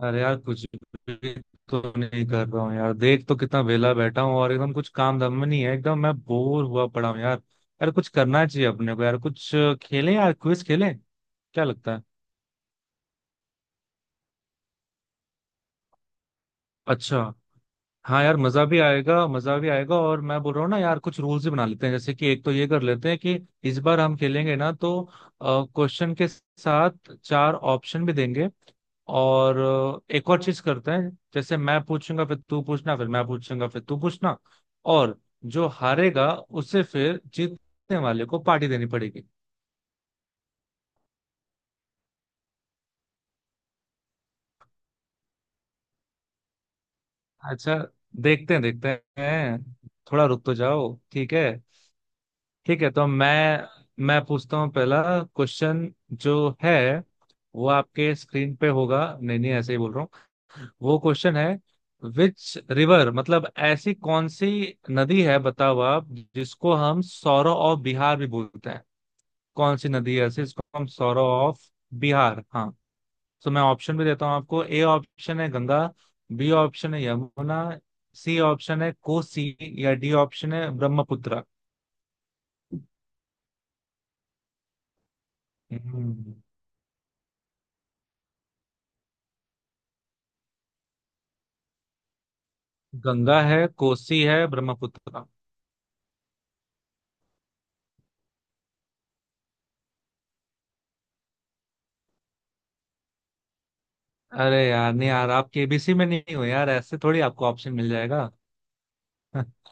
अरे यार कुछ भी तो नहीं कर रहा हूँ यार। देख तो कितना वेला बैठा हूँ और एकदम कुछ काम दम में नहीं है। एकदम मैं बोर हुआ पड़ा हूँ यार। यार कुछ करना चाहिए अपने को यार। कुछ खेलें यार, क्विज खेलें। क्या लगता है? अच्छा, हाँ यार मजा भी आएगा, मजा भी आएगा। और मैं बोल रहा हूँ ना यार, कुछ रूल्स भी बना लेते हैं। जैसे कि एक तो ये कर लेते हैं कि इस बार हम खेलेंगे ना तो क्वेश्चन के साथ चार ऑप्शन भी देंगे। और एक और चीज करते हैं, जैसे मैं पूछूंगा फिर तू पूछना, फिर मैं पूछूंगा फिर तू पूछना। और जो हारेगा उसे फिर जीतने वाले को पार्टी देनी पड़ेगी। अच्छा, देखते हैं, देखते हैं। थोड़ा रुक तो जाओ, ठीक है। ठीक है, तो मैं पूछता हूँ। पहला क्वेश्चन जो है वो आपके स्क्रीन पे होगा। नहीं नहीं, ऐसे ही बोल रहा हूँ। वो क्वेश्चन है, विच रिवर मतलब ऐसी कौन सी नदी है बताओ आप, जिसको हम सौरो ऑफ बिहार भी बोलते हैं। कौन सी नदी है ऐसी जिसको हम सौरो ऑफ बिहार? हाँ। तो मैं ऑप्शन भी देता हूँ आपको। ए ऑप्शन है गंगा, बी ऑप्शन है यमुना, सी ऑप्शन है कोसी, या डी ऑप्शन है ब्रह्मपुत्र। हम्म, गंगा है, कोसी है, ब्रह्मपुत्र। अरे यार नहीं यार, आप केबीसी में नहीं हो यार, ऐसे थोड़ी आपको ऑप्शन मिल जाएगा।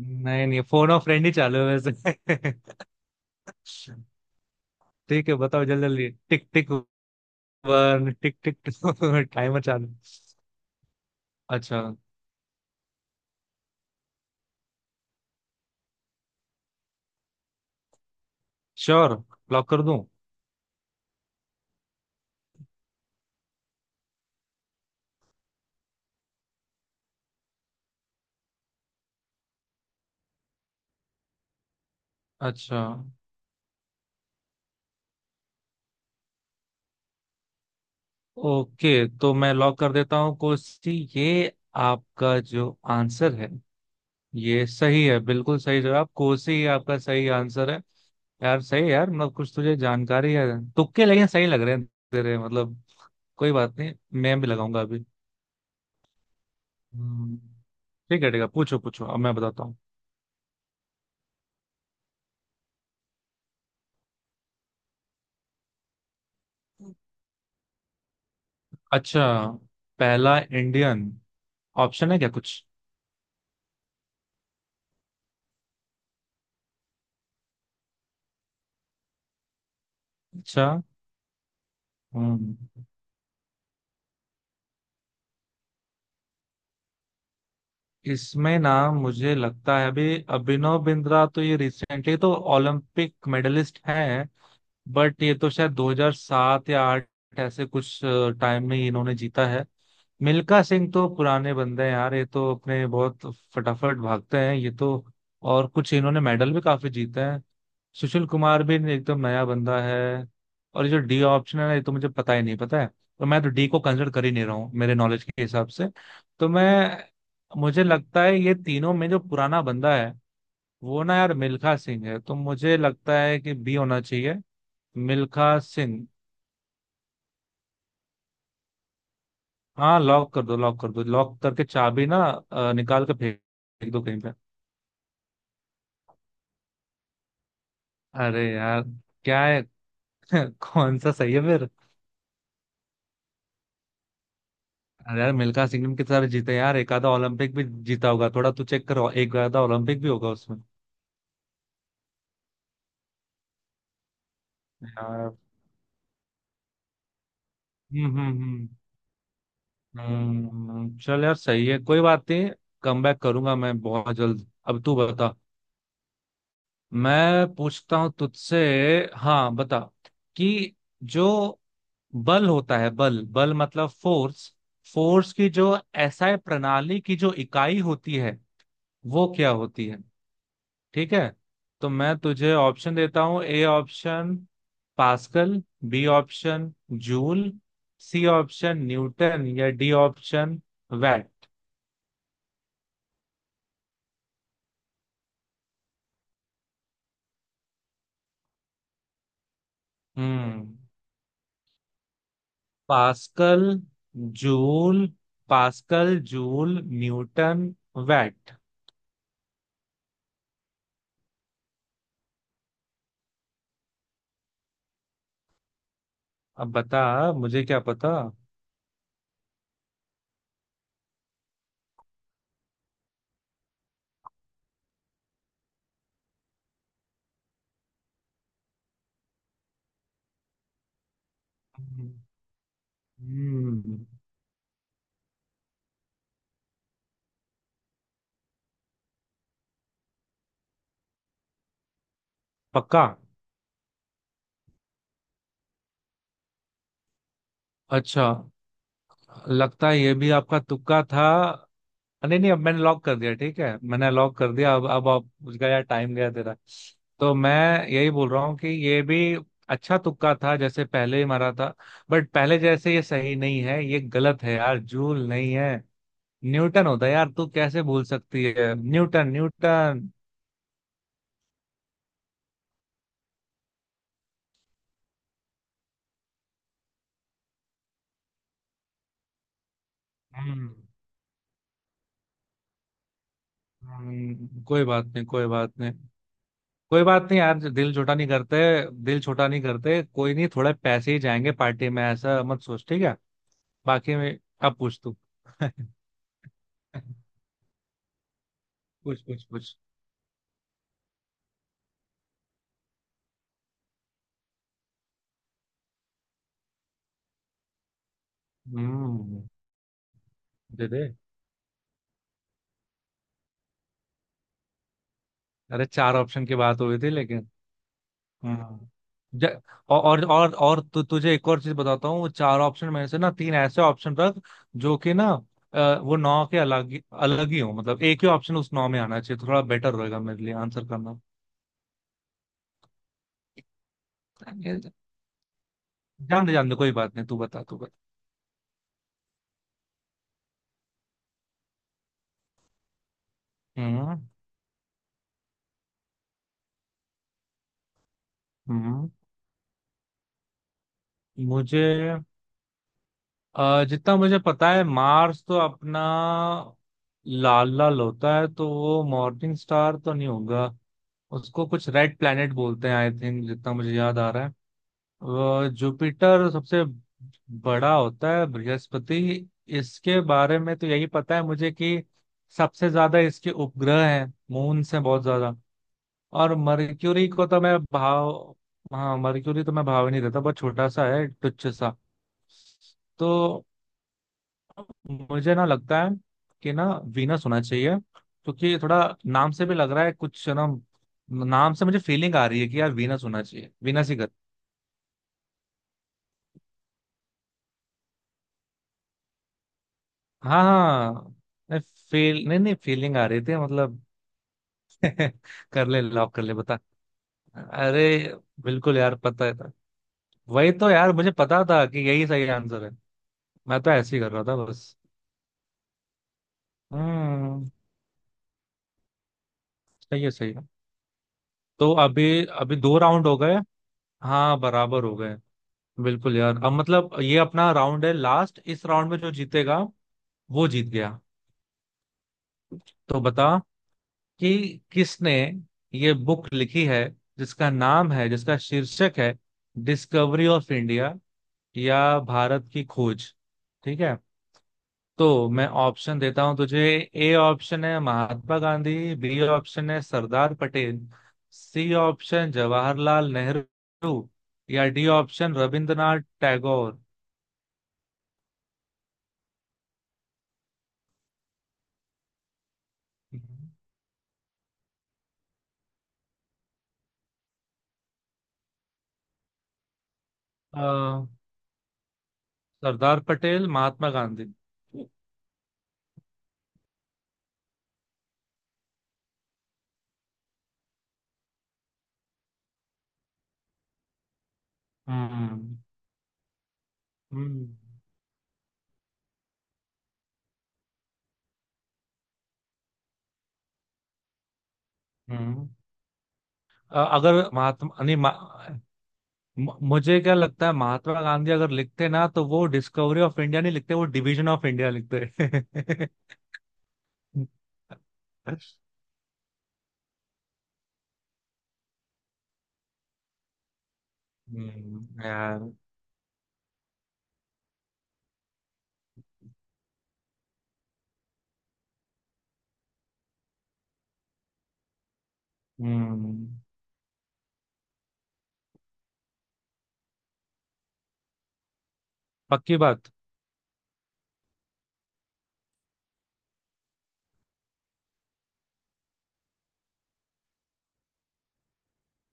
नहीं नहीं, फोन और फ्रेंड ही चालू है वैसे। ठीक है बताओ, जल्दी जल्दी, tick tick. One tick tick two timer चालू। अच्छा। श्योर? लॉक कर दूं? अच्छा, ओके। तो मैं लॉक कर देता हूँ, कोसी। ये आपका जो आंसर है ये सही है। बिल्कुल सही जवाब, कोसी ही आपका सही आंसर है। यार सही है यार, मतलब कुछ तुझे जानकारी है। तुक्के लेकिन सही लग रहे हैं तेरे, मतलब। कोई बात नहीं, मैं भी लगाऊंगा अभी। हम्म, ठीक है ठीक है, पूछो पूछो, अब मैं बताता हूँ। अच्छा, पहला इंडियन। ऑप्शन है क्या कुछ? अच्छा। हम्म इसमें ना मुझे लगता है, अभी अभिनव बिंद्रा तो ये रिसेंटली तो ओलंपिक मेडलिस्ट हैं। बट ये तो शायद 2007 या 8 ऐसे कुछ टाइम में ही इन्होंने जीता है। मिल्खा सिंह तो पुराने बंदे हैं यार, ये तो अपने बहुत फटाफट भागते हैं ये तो। और कुछ इन्होंने मेडल भी काफी जीते हैं। सुशील कुमार भी एकदम नया बंदा है। और ये जो डी ऑप्शन है ना, ये तो मुझे पता ही नहीं, पता है तो मैं तो डी को कंसिडर कर ही नहीं रहा हूँ मेरे नॉलेज के हिसाब से। तो मैं मुझे लगता है ये तीनों में जो पुराना बंदा है वो ना यार मिल्खा सिंह है, तो मुझे लगता है कि बी होना चाहिए, मिल्खा सिंह। हाँ लॉक कर दो, लॉक कर दो, लॉक करके चाबी ना निकाल के फेंक, फेंक दो कहीं पे। अरे यार, क्या है? कौन सा सही है फिर? अरे यार मिल्खा सिंह ने कितने सारे जीते यार, एक आधा ओलंपिक भी जीता होगा। थोड़ा तू चेक करो, एक आधा ओलंपिक भी होगा उसमें। यार हम्म हम्म चल यार सही है, कोई बात नहीं। कम बैक करूंगा मैं बहुत जल्द। अब तू बता। मैं पूछता हूँ तुझसे, हाँ बता कि जो बल होता है, बल बल मतलब फोर्स, फोर्स की जो एसआई प्रणाली की जो इकाई होती है वो क्या होती है? ठीक है? तो मैं तुझे ऑप्शन देता हूँ। A option pascal, B option joule, C option newton, या डी ऑप्शन वैट। हम्म। Pascal. Joule. Pascal, joule, newton, watt. अब बता। मुझे क्या पता। हम्म। पक्का? अच्छा, लगता है ये भी आपका तुक्का था। नहीं नहीं, अब मैंने लॉक कर दिया ठीक है, मैंने लॉक कर दिया अब। अब आप उसका यार, टाइम गया तेरा। तो मैं यही बोल रहा हूँ कि ये भी अच्छा तुक्का था जैसे पहले ही मारा था। बट पहले जैसे, ये सही नहीं है, ये गलत है यार। जूल नहीं है, न्यूटन होता है यार। तू कैसे भूल सकती है न्यूटन? न्यूटन। हम्म कोई बात नहीं, कोई बात नहीं, कोई बात नहीं यार। दिल छोटा नहीं करते, दिल छोटा नहीं करते। कोई नहीं, थोड़े पैसे ही जाएंगे पार्टी में, ऐसा मत सोच, ठीक है। बाकी में अब पूछ तू। पूछ पूछ पूछ। हम्म। दे दे। अरे चार ऑप्शन की बात हुई थी लेकिन। हम्म। ज- और तुझे एक और चीज बताता हूँ। वो चार ऑप्शन में से ना, तीन ऐसे ऑप्शन रख जो कि ना वो नौ के अलग ही हो, मतलब एक ही ऑप्शन उस नौ में आना चाहिए, तो थोड़ा बेटर रहेगा मेरे लिए आंसर करना। जान दे जान दे, कोई बात नहीं, तू बता तू। हम्म। हम्म, मुझे जितना मुझे पता है, मार्स तो अपना लाल लाल होता है, तो वो मॉर्निंग स्टार तो नहीं होगा। उसको कुछ रेड प्लेनेट बोलते हैं आई थिंक, जितना मुझे याद आ रहा है। वो जुपिटर सबसे बड़ा होता है, बृहस्पति। इसके बारे में तो यही पता है मुझे कि सबसे ज्यादा इसके उपग्रह हैं, मून से बहुत ज्यादा। और मर्क्यूरी को तो मैं भाव, हाँ मर्क्यूरी तो मैं भाव ही नहीं देता, बहुत छोटा सा है तुच्छ सा। तो मुझे ना लगता है कि ना वीनस होना चाहिए, क्योंकि थोड़ा नाम से भी लग रहा है कुछ ना। नाम से मुझे फीलिंग आ रही है कि यार वीनस होना चाहिए, वीनस ही कर। हाँ हाँ, नहीं फील नहीं नहीं, फीलिंग आ रही थी मतलब। कर ले, लॉक कर ले, बता। अरे बिल्कुल यार, पता है था। वही तो यार, मुझे पता था कि यही सही आंसर है। मैं तो ऐसे ही कर रहा था बस। हम्म। सही है सही है। तो अभी अभी दो राउंड हो गए। हाँ बराबर हो गए। बिल्कुल यार। अब मतलब ये अपना राउंड है लास्ट, इस राउंड में जो जीतेगा वो जीत गया। तो बता कि किसने ये बुक लिखी है, जिसका नाम है, जिसका शीर्षक है, डिस्कवरी ऑफ इंडिया, या भारत की खोज। ठीक है, तो मैं ऑप्शन देता हूं तुझे। ए ऑप्शन है महात्मा गांधी, बी ऑप्शन है सरदार पटेल, सी ऑप्शन जवाहरलाल नेहरू, या डी ऑप्शन रविंद्रनाथ टैगोर। अ, सरदार पटेल, महात्मा गांधी। हम्म, हम्म, हम्म। अ- अगर महात्मा नहीं मा- म- मुझे क्या लगता है, महात्मा गांधी अगर लिखते ना, तो वो डिस्कवरी ऑफ इंडिया नहीं लिखते, वो डिवीजन ऑफ इंडिया लिखते। यार। हम्म। पक्की बात।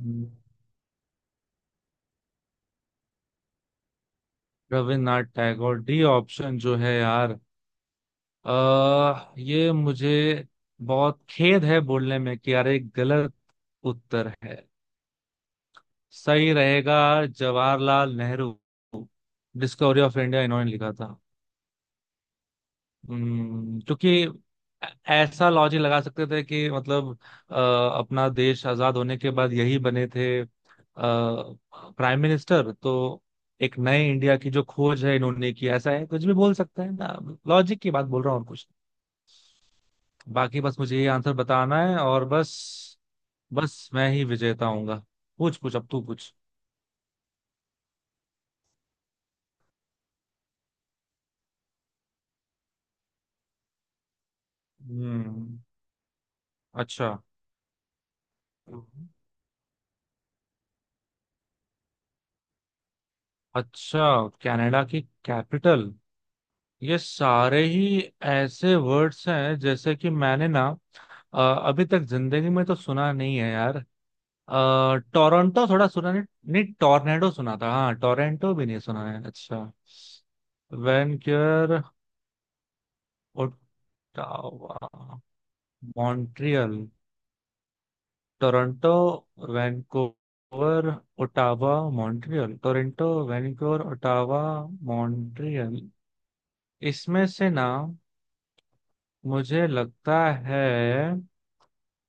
हम्म, रविन्द्रनाथ टैगोर डी ऑप्शन जो है यार, ये मुझे बहुत खेद है बोलने में कि यार, एक गलत उत्तर है। सही रहेगा Jawaharlal Nehru. Discovery of India इन्होंने लिखा था। क्योंकि ऐ- ऐसा लॉजिक लगा सकते थे कि मतलब अ, अपना देश आजाद होने के बाद यही बने थे प्राइम मिनिस्टर, तो एक नए इंडिया की जो खोज है इन्होंने की, ऐसा है कुछ भी बोल सकते हैं ना। लॉजिक की बात बोल रहा हूँ और कुछ नहीं। बाकी बस मुझे ये आंसर बताना है और बस। बस मैं ही विजेता हूंगा। पूछ पूछ, अब तू पूछ। हम्म। अच्छा। अच्छा, कनाडा की कैपिटल। ये सारे ही ऐसे वर्ड्स हैं जैसे कि मैंने ना अ, अभी तक जिंदगी में तो सुना नहीं है यार। टोरंटो थोड़ा सुना, नहीं नहीं, टोर्नेडो सुना था हाँ, टोरंटो भी नहीं सुना है अच्छा। Vancouver, Ottawa, Montreal. Toronto, Vancouver, Ottawa, Montreal. Toronto, Vancouver, Ottawa, Montreal. इसमें से ना मुझे लगता है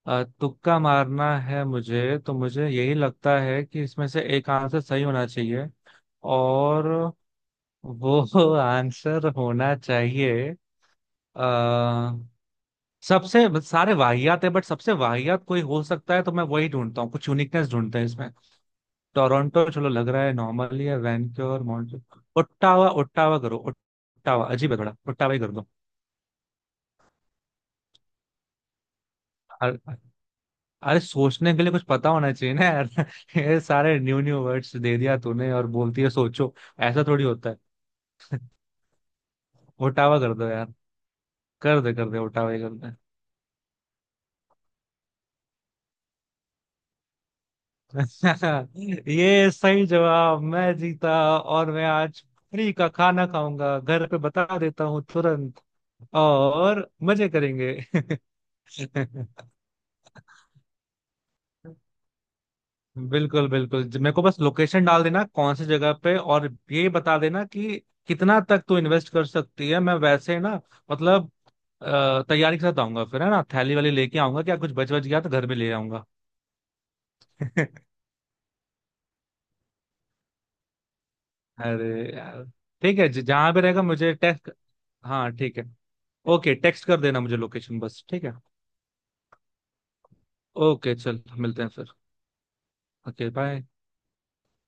तुक्का मारना है मुझे तो, मुझे यही लगता है कि इसमें से एक आंसर सही होना चाहिए और वो आंसर होना चाहिए। आ, सबसे, सारे वाहियात है, बट सबसे वाहियात कोई हो सकता है तो मैं वही ढूंढता हूँ, कुछ यूनिकनेस ढूंढते हैं इसमें। टोरंटो चलो लग रहा है नॉर्मली है, वैनक्योर, मॉन्ट्रियल, ओट्टावा। ओट्टावा करो, ओट्टावा अजीब है थोड़ा, ओट्टावा ही कर दो। अरे सोचने के लिए कुछ पता होना चाहिए ना यार। ये सारे न्यू न्यू वर्ड्स दे दिया तूने और बोलती है सोचो, ऐसा थोड़ी होता है। उठावा कर दो यार, कर दे कर दे, उठावा ही कर दे। ये सही जवाब, मैं जीता। और मैं आज फ्री का खाना खाऊंगा घर पे, बता देता हूँ तुरंत। और मजे करेंगे। बिल्कुल बिल्कुल, मेरे को बस लोकेशन डाल देना कौन सी जगह पे, और ये बता देना कि कितना तक तू इन्वेस्ट कर सकती है। मैं वैसे ना मतलब तैयारी के साथ आऊंगा फिर, है ना, थैली वाली लेके आऊंगा, क्या कुछ बच बच गया तो घर में ले आऊंगा। अरे यार ठीक है, जहाँ भी रहेगा मुझे टेक्स्ट। हाँ ठीक है, ओके, टेक्स्ट कर देना मुझे लोकेशन बस, ठीक है। ओके चल, मिलते हैं फिर। Okay, bye.